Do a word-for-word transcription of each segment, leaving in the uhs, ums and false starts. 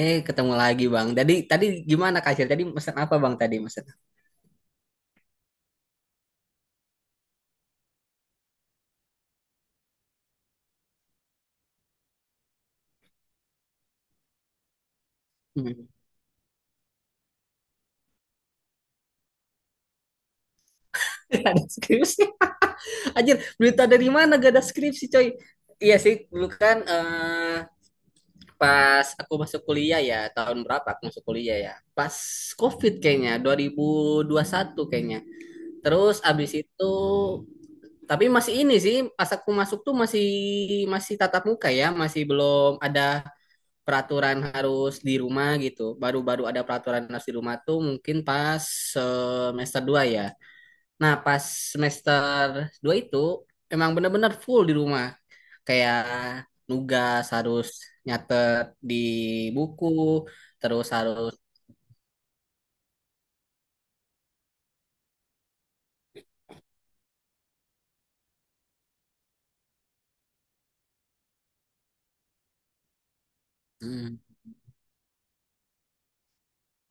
Eh, ketemu lagi Bang. Tadi tadi gimana Kak Acil? Tadi mesen apa Bang tadi mesen? Hmm. Gak ada skripsi. Anjir, berita dari mana gak ada skripsi coy? Iya sih, dulu kan eh, pas aku masuk kuliah ya, tahun berapa aku masuk kuliah ya? Pas COVID kayaknya, dua ribu dua puluh satu kayaknya. Terus abis itu, tapi masih ini sih, pas aku masuk tuh masih masih tatap muka ya, masih belum ada peraturan harus di rumah gitu. Baru-baru ada peraturan harus di rumah tuh mungkin pas semester dua ya. Nah, pas semester dua itu emang bener-bener full di rumah. Kayak nugas harus nyatet di buku, terus harus hmm.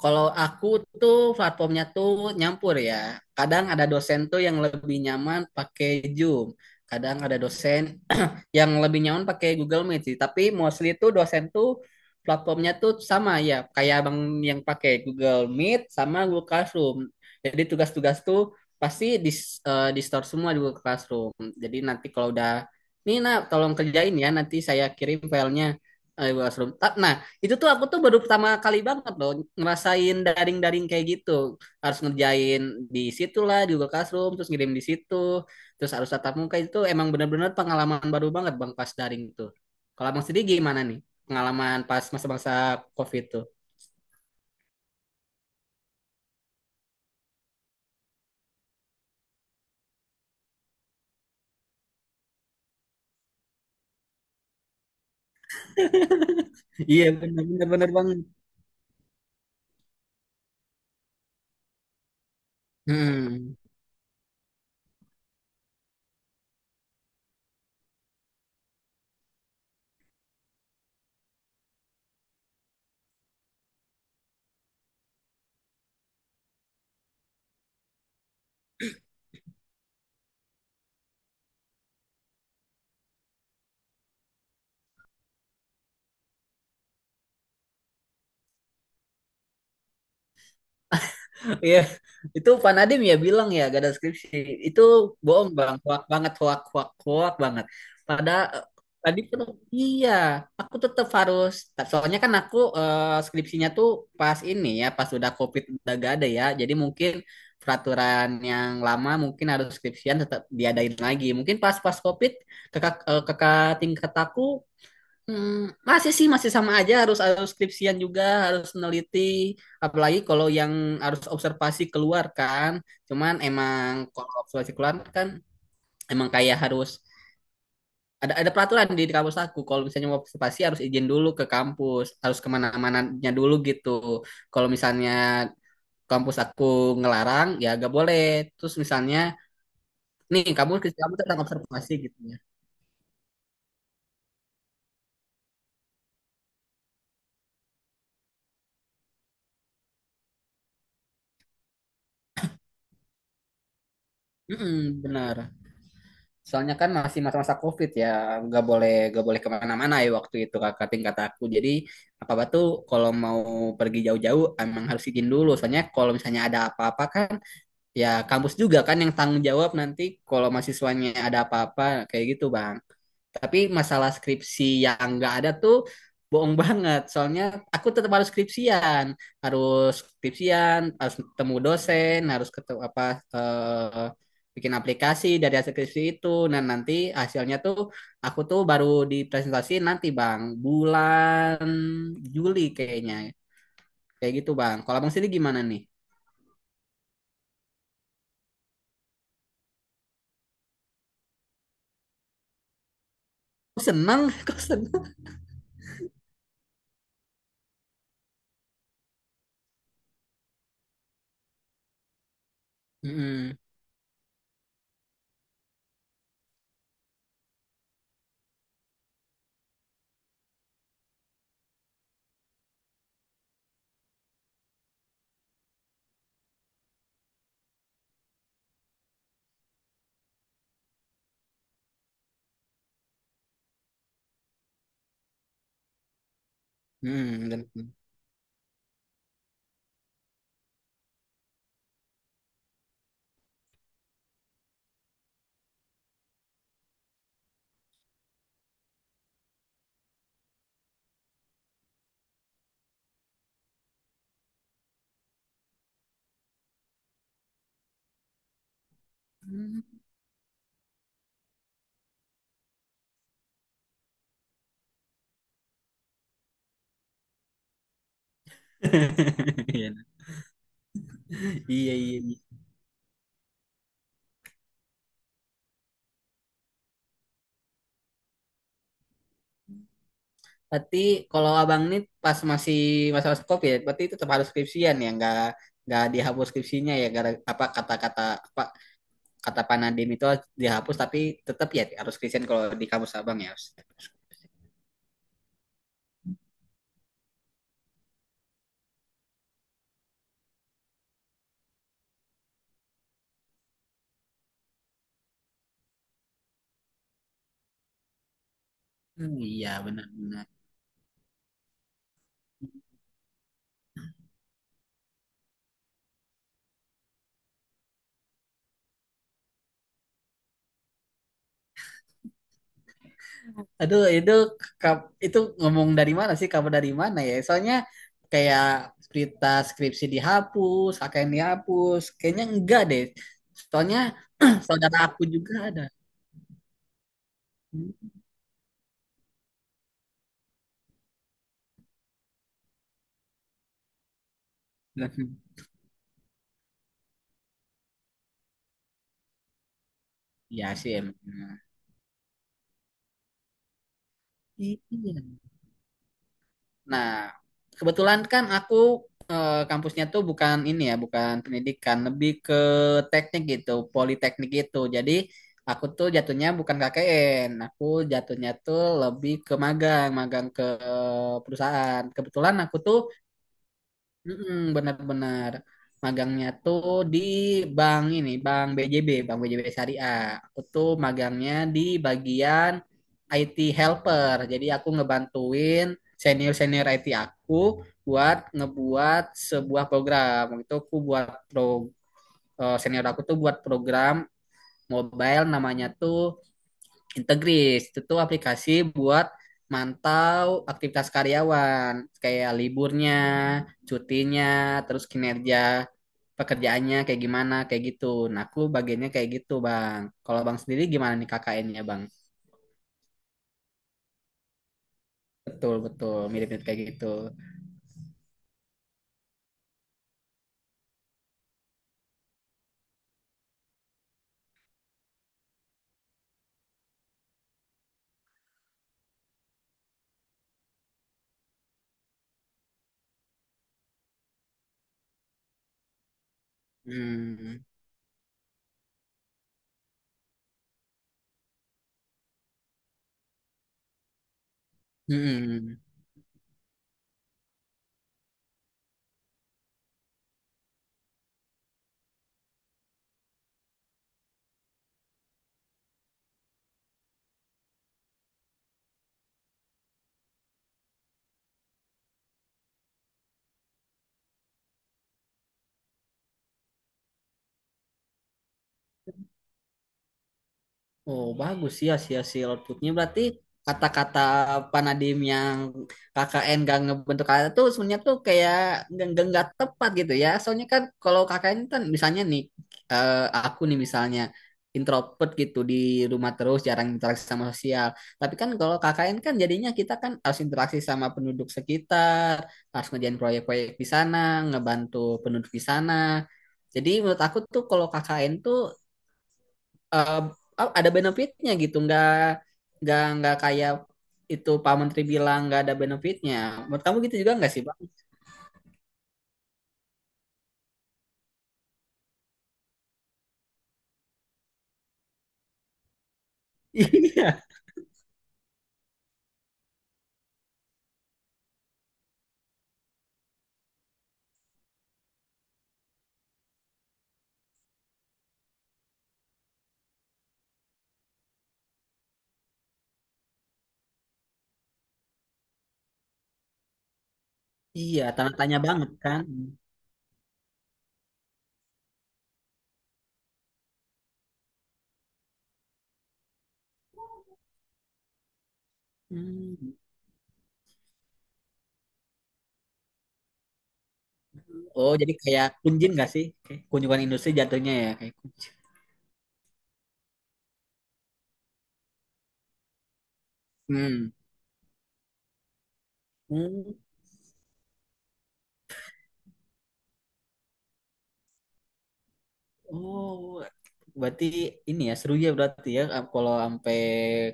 Kalau aku tuh platformnya tuh nyampur ya. Kadang ada dosen tuh yang lebih nyaman pakai Zoom. Kadang ada dosen yang lebih nyaman pakai Google Meet sih. Tapi mostly tuh dosen tuh platformnya tuh sama ya. Kayak abang yang pakai Google Meet sama Google Classroom. Jadi tugas-tugas tuh pasti di, eh, di store semua di Google Classroom. Jadi nanti kalau udah, nih nak tolong kerjain ya. Nanti saya kirim filenya eh, Google Classroom. Ta- Nah itu tuh aku tuh baru pertama kali banget loh ngerasain daring-daring kayak gitu. Harus ngerjain di situ lah di Google Classroom, terus ngirim di situ, terus harus tatap muka itu emang bener-bener pengalaman baru banget Bang pas daring tuh. Kalau Abang sendiri gimana nih pengalaman pas masa-masa COVID tuh? Iya bener-bener bener banget. Hmm. Iya, itu panadim ya bilang ya gak ada skripsi. Itu bohong bang, hoak banget, hoak, hoak, hoak banget. Pada eh, tadi tuh Iya, aku tetap harus. Soalnya kan aku eh, skripsinya tuh pas ini ya, pas udah COVID udah gak ada ya. Jadi mungkin peraturan yang lama mungkin harus skripsian tetap diadain lagi. Mungkin pas pas COVID kakak eh, kakak tingkat aku hmm, masih sih masih sama aja harus harus skripsian juga harus neliti apalagi kalau yang harus observasi keluar kan cuman emang kalau observasi keluar kan emang kayak harus ada ada peraturan di, di kampus aku kalau misalnya mau observasi harus izin dulu ke kampus harus kemana-mananya dulu gitu kalau misalnya kampus aku ngelarang ya gak boleh terus misalnya nih kamu kamu tentang observasi gitu ya. Mm, benar. Soalnya kan masih masa-masa COVID ya, nggak boleh nggak boleh kemana-mana ya waktu itu kakak tingkat aku. Jadi apa-apa tuh kalau mau pergi jauh-jauh emang harus izin dulu. Soalnya kalau misalnya ada apa-apa kan, ya kampus juga kan yang tanggung jawab nanti kalau mahasiswanya ada apa-apa kayak gitu bang. Tapi masalah skripsi yang nggak ada tuh bohong banget. Soalnya aku tetap harus skripsian, harus skripsian, harus ketemu dosen, harus ketemu apa eh, bikin aplikasi dari hasil skripsi itu. Nah nanti hasilnya tuh aku tuh baru dipresentasi nanti bang bulan Juli kayaknya kayak gitu bang. Kalau bang sendiri gimana nih? Kok senang? Kok senang? Mm-mm. Mm-mm. Iya, iya, iya. Berarti kalau abang ini pas masih masa-masa COVID ya, berarti itu tetap harus skripsian ya, nggak nggak dihapus skripsinya ya, gara apa kata-kata apa kata Panadim itu harus dihapus tapi tetap ya harus skripsian kalau di kampus abang ya. Hmm, iya benar-benar. Aduh itu ka- itu ngomong dari mana sih kabar dari mana ya? Soalnya kayak berita skripsi dihapus, A K N dihapus, kayaknya enggak deh. Soalnya saudara aku juga ada. Hmm. Iya sih emang. Iya. Nah, kebetulan kan aku eh, kampusnya tuh bukan ini ya, bukan pendidikan, lebih ke teknik gitu, politeknik gitu. Jadi aku tuh jatuhnya bukan K K N, aku jatuhnya tuh lebih ke magang, magang ke eh, perusahaan. Kebetulan aku tuh mm-mm, benar-benar magangnya tuh di bank ini, Bank B J B, Bank B J B Syariah. Aku tuh magangnya di bagian I T helper. Jadi aku ngebantuin senior-senior I T aku buat ngebuat sebuah program. Waktu itu aku buat pro, eh, senior aku tuh buat program mobile namanya tuh Integris itu tuh aplikasi buat mantau aktivitas karyawan kayak liburnya, cutinya, terus kinerja pekerjaannya kayak gimana kayak gitu. Nah, aku bagiannya kayak gitu, Bang. Kalau Bang sendiri gimana nih K K N-nya, Bang? Betul, betul, mirip-mirip kayak gitu. Hmm. Hmm. Oh, bagus sih hasil-hasil outputnya. Berarti kata-kata Panadim yang K K N gak ngebentuk kata tuh sebenarnya tuh kayak nggak nggak nggak tepat gitu ya. Soalnya kan kalau K K N kan misalnya nih eh, aku nih misalnya introvert gitu di rumah terus jarang interaksi sama sosial. Tapi kan kalau K K N kan jadinya kita kan harus interaksi sama penduduk sekitar, harus ngerjain proyek-proyek di sana, ngebantu penduduk di sana. Jadi menurut aku tuh kalau K K N tuh eh, ada benefitnya gitu nggak nggak nggak kayak itu Pak Menteri bilang nggak ada benefitnya menurut kamu gitu juga nggak sih Pak. Iya, iya, tanda tanya banget kan. Hmm. Oh jadi kayak kunjin nggak sih? Kayak kunjungan industri jatuhnya ya kayak hmm. Hmm. Oh berarti ini ya seru ya berarti ya kalau sampai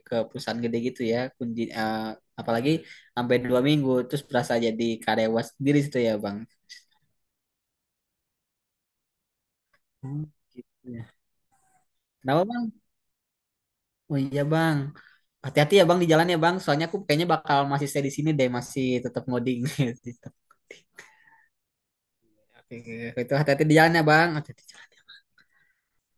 ke perusahaan gede gitu ya kunjin eh, apalagi sampai dua minggu terus berasa jadi karyawan sendiri situ ya bang. Hmm, gitu ya. Kenapa bang? Oh iya bang. Hati-hati ya bang di jalan ya bang. Soalnya aku kayaknya bakal masih stay di sini deh, masih tetap ngoding. Gitu. Oke, oke. Itu hati-hati di jalan ya bang. Hati-hati.